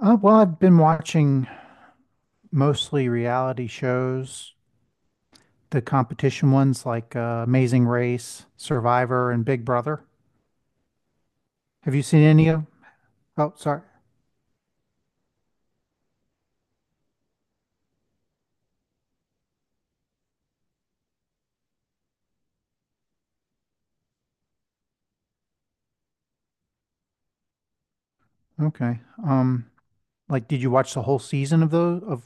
Well, I've been watching mostly reality shows, the competition ones like Amazing Race, Survivor, and Big Brother. Have you seen any of? Oh, sorry. Okay. Um, like, did you watch the whole season of those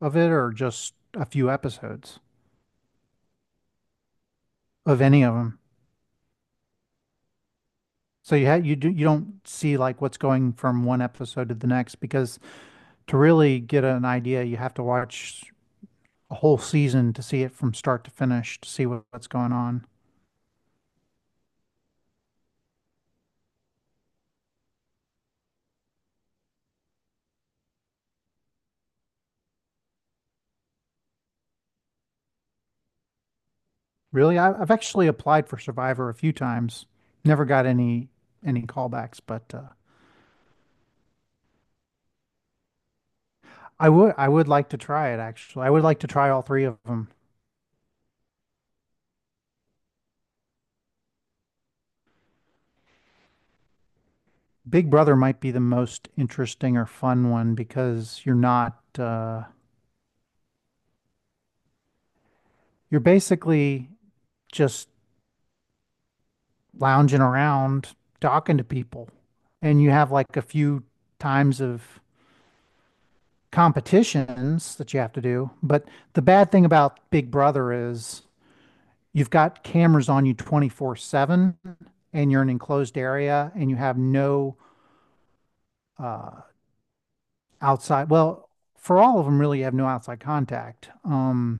of it, or just a few episodes of any of them? So you had you do you don't see like what's going from one episode to the next, because to really get an idea, you have to watch a whole season to see it from start to finish to see what's going on. Really? I've actually applied for Survivor a few times. Never got any callbacks, but I would like to try it actually. I would like to try all three of them. Big Brother might be the most interesting or fun one because you're not you're basically just lounging around talking to people, and you have like a few times of competitions that you have to do. But the bad thing about Big Brother is you've got cameras on you 24/7, and you're in an enclosed area and you have no uh, outside well for all of them really you have no outside contact,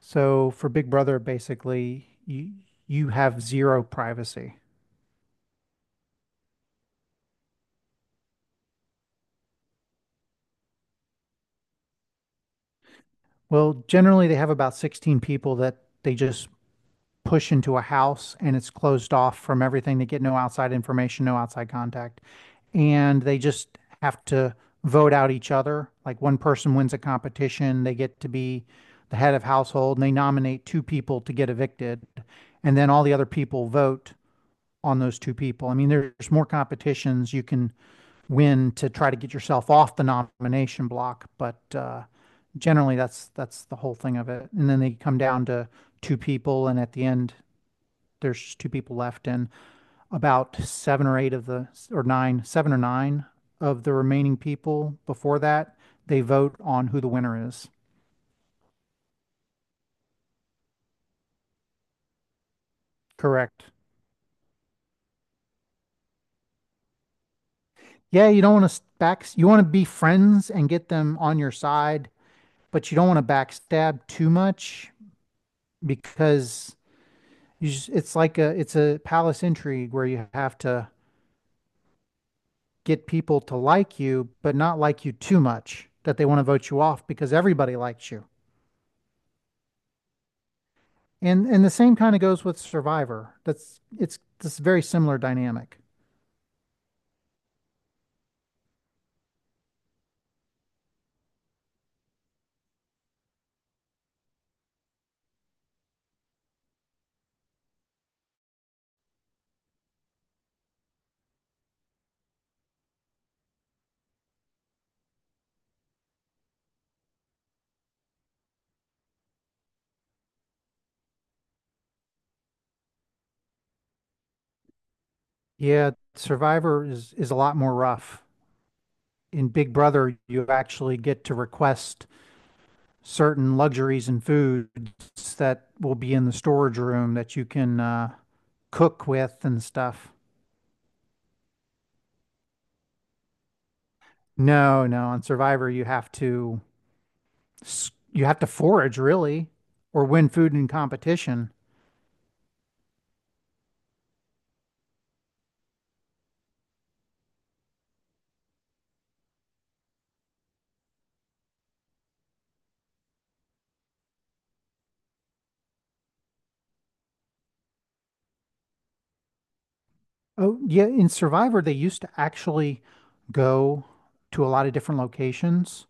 so for Big Brother basically you have zero privacy. Well, generally they have about 16 people that they just push into a house, and it's closed off from everything. They get no outside information, no outside contact. And they just have to vote out each other. Like, one person wins a competition, they get to be the head of household and they nominate two people to get evicted. And then all the other people vote on those two people. I mean, there's more competitions you can win to try to get yourself off the nomination block, but generally that's the whole thing of it. And then they come down to two people, and at the end, there's two people left and about seven or eight of seven or nine of the remaining people before that, they vote on who the winner is. Correct. Yeah, you don't want to back you want to be friends and get them on your side, but you don't want to backstab too much, because it's like a it's a palace intrigue where you have to get people to like you but not like you too much that they want to vote you off because everybody likes you. And the same kind of goes with Survivor. That's It's this very similar dynamic. Yeah, Survivor is a lot more rough. In Big Brother, you actually get to request certain luxuries and foods that will be in the storage room that you can cook with and stuff. No, no, on Survivor you have to you have to forage really, or win food in competition. Oh, yeah. In Survivor, they used to actually go to a lot of different locations.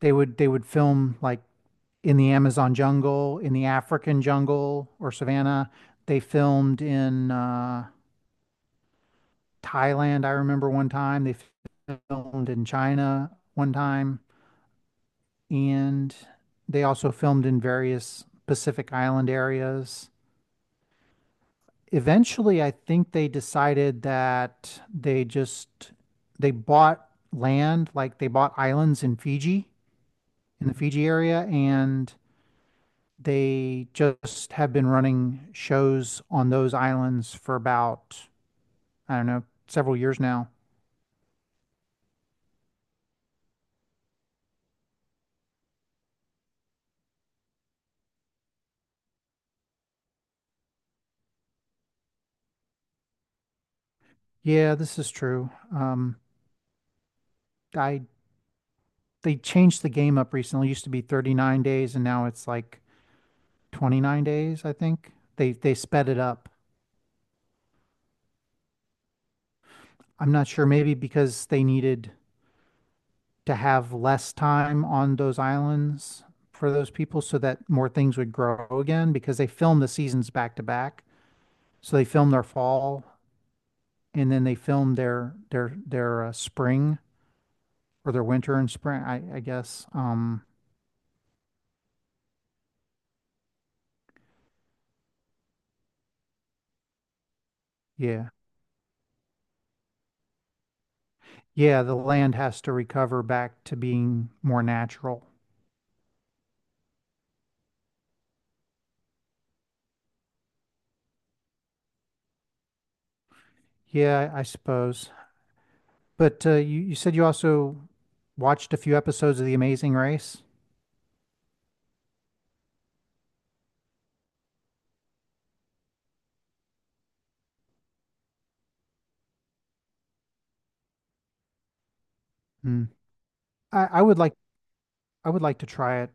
They would film like in the Amazon jungle, in the African jungle or savannah. They filmed in Thailand, I remember one time. They filmed in China one time, and they also filmed in various Pacific Island areas. Eventually I think they decided that they bought land, like they bought islands in Fiji, in the Fiji area, and they just have been running shows on those islands for about, I don't know, several years now. Yeah, this is true. I They changed the game up recently. It used to be 39 days and now it's like 29 days, I think. They sped it up. I'm not sure, maybe because they needed to have less time on those islands for those people so that more things would grow again, because they film the seasons back to back. So they film their fall and then they film their spring, or their winter and spring, I guess. Yeah. Yeah, the land has to recover back to being more natural. Yeah, I suppose. But you said you also watched a few episodes of The Amazing Race. Hmm. I, I would like I would like to try it,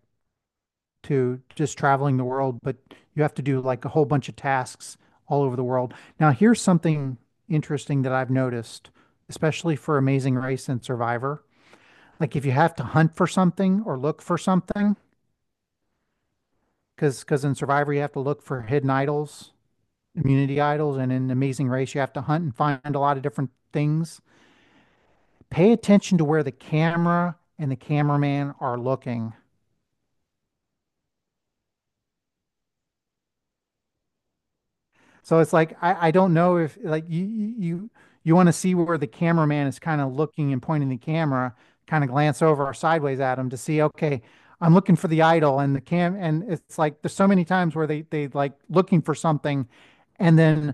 to just traveling the world, but you have to do like a whole bunch of tasks all over the world. Now, here's something interesting that I've noticed, especially for Amazing Race and Survivor. Like if you have to hunt for something or look for something, because in Survivor you have to look for hidden idols, immunity idols, and in Amazing Race you have to hunt and find a lot of different things. Pay attention to where the camera and the cameraman are looking. So it's like, I don't know, if like want to see where the cameraman is kind of looking and pointing the camera, kind of glance over or sideways at him to see, okay, I'm looking for the idol and the cam and it's like there's so many times where they like looking for something and then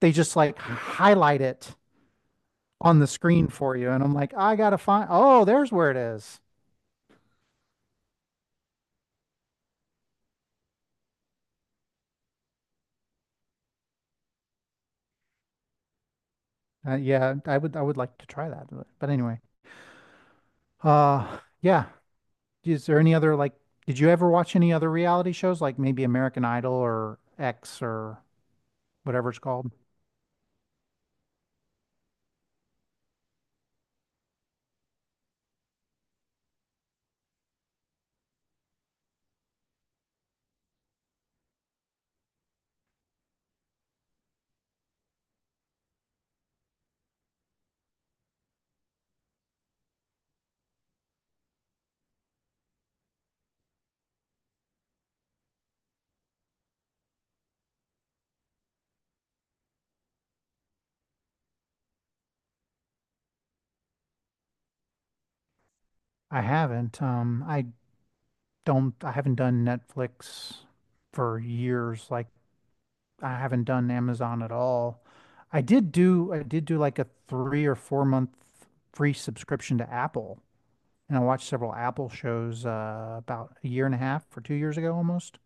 they just like highlight it on the screen for you and I'm like, I gotta find, oh, there's where it is. Yeah, I would like to try that. But anyway. Uh yeah, Is there any other, like did you ever watch any other reality shows like maybe American Idol or X or whatever it's called? I haven't. I don't I haven't done Netflix for years. Like I haven't done Amazon at all. I did do like a 3 or 4 month free subscription to Apple. And I watched several Apple shows about a year and a half or 2 years ago almost.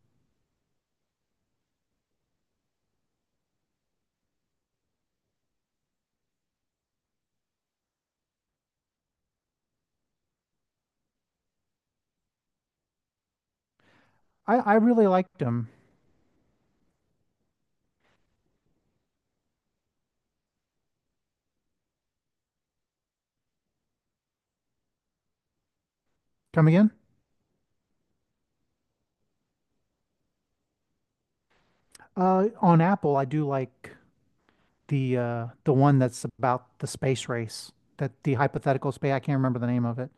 I really liked them. Come again? On Apple, I do like the one that's about the space race. That the hypothetical space. I can't remember the name of it.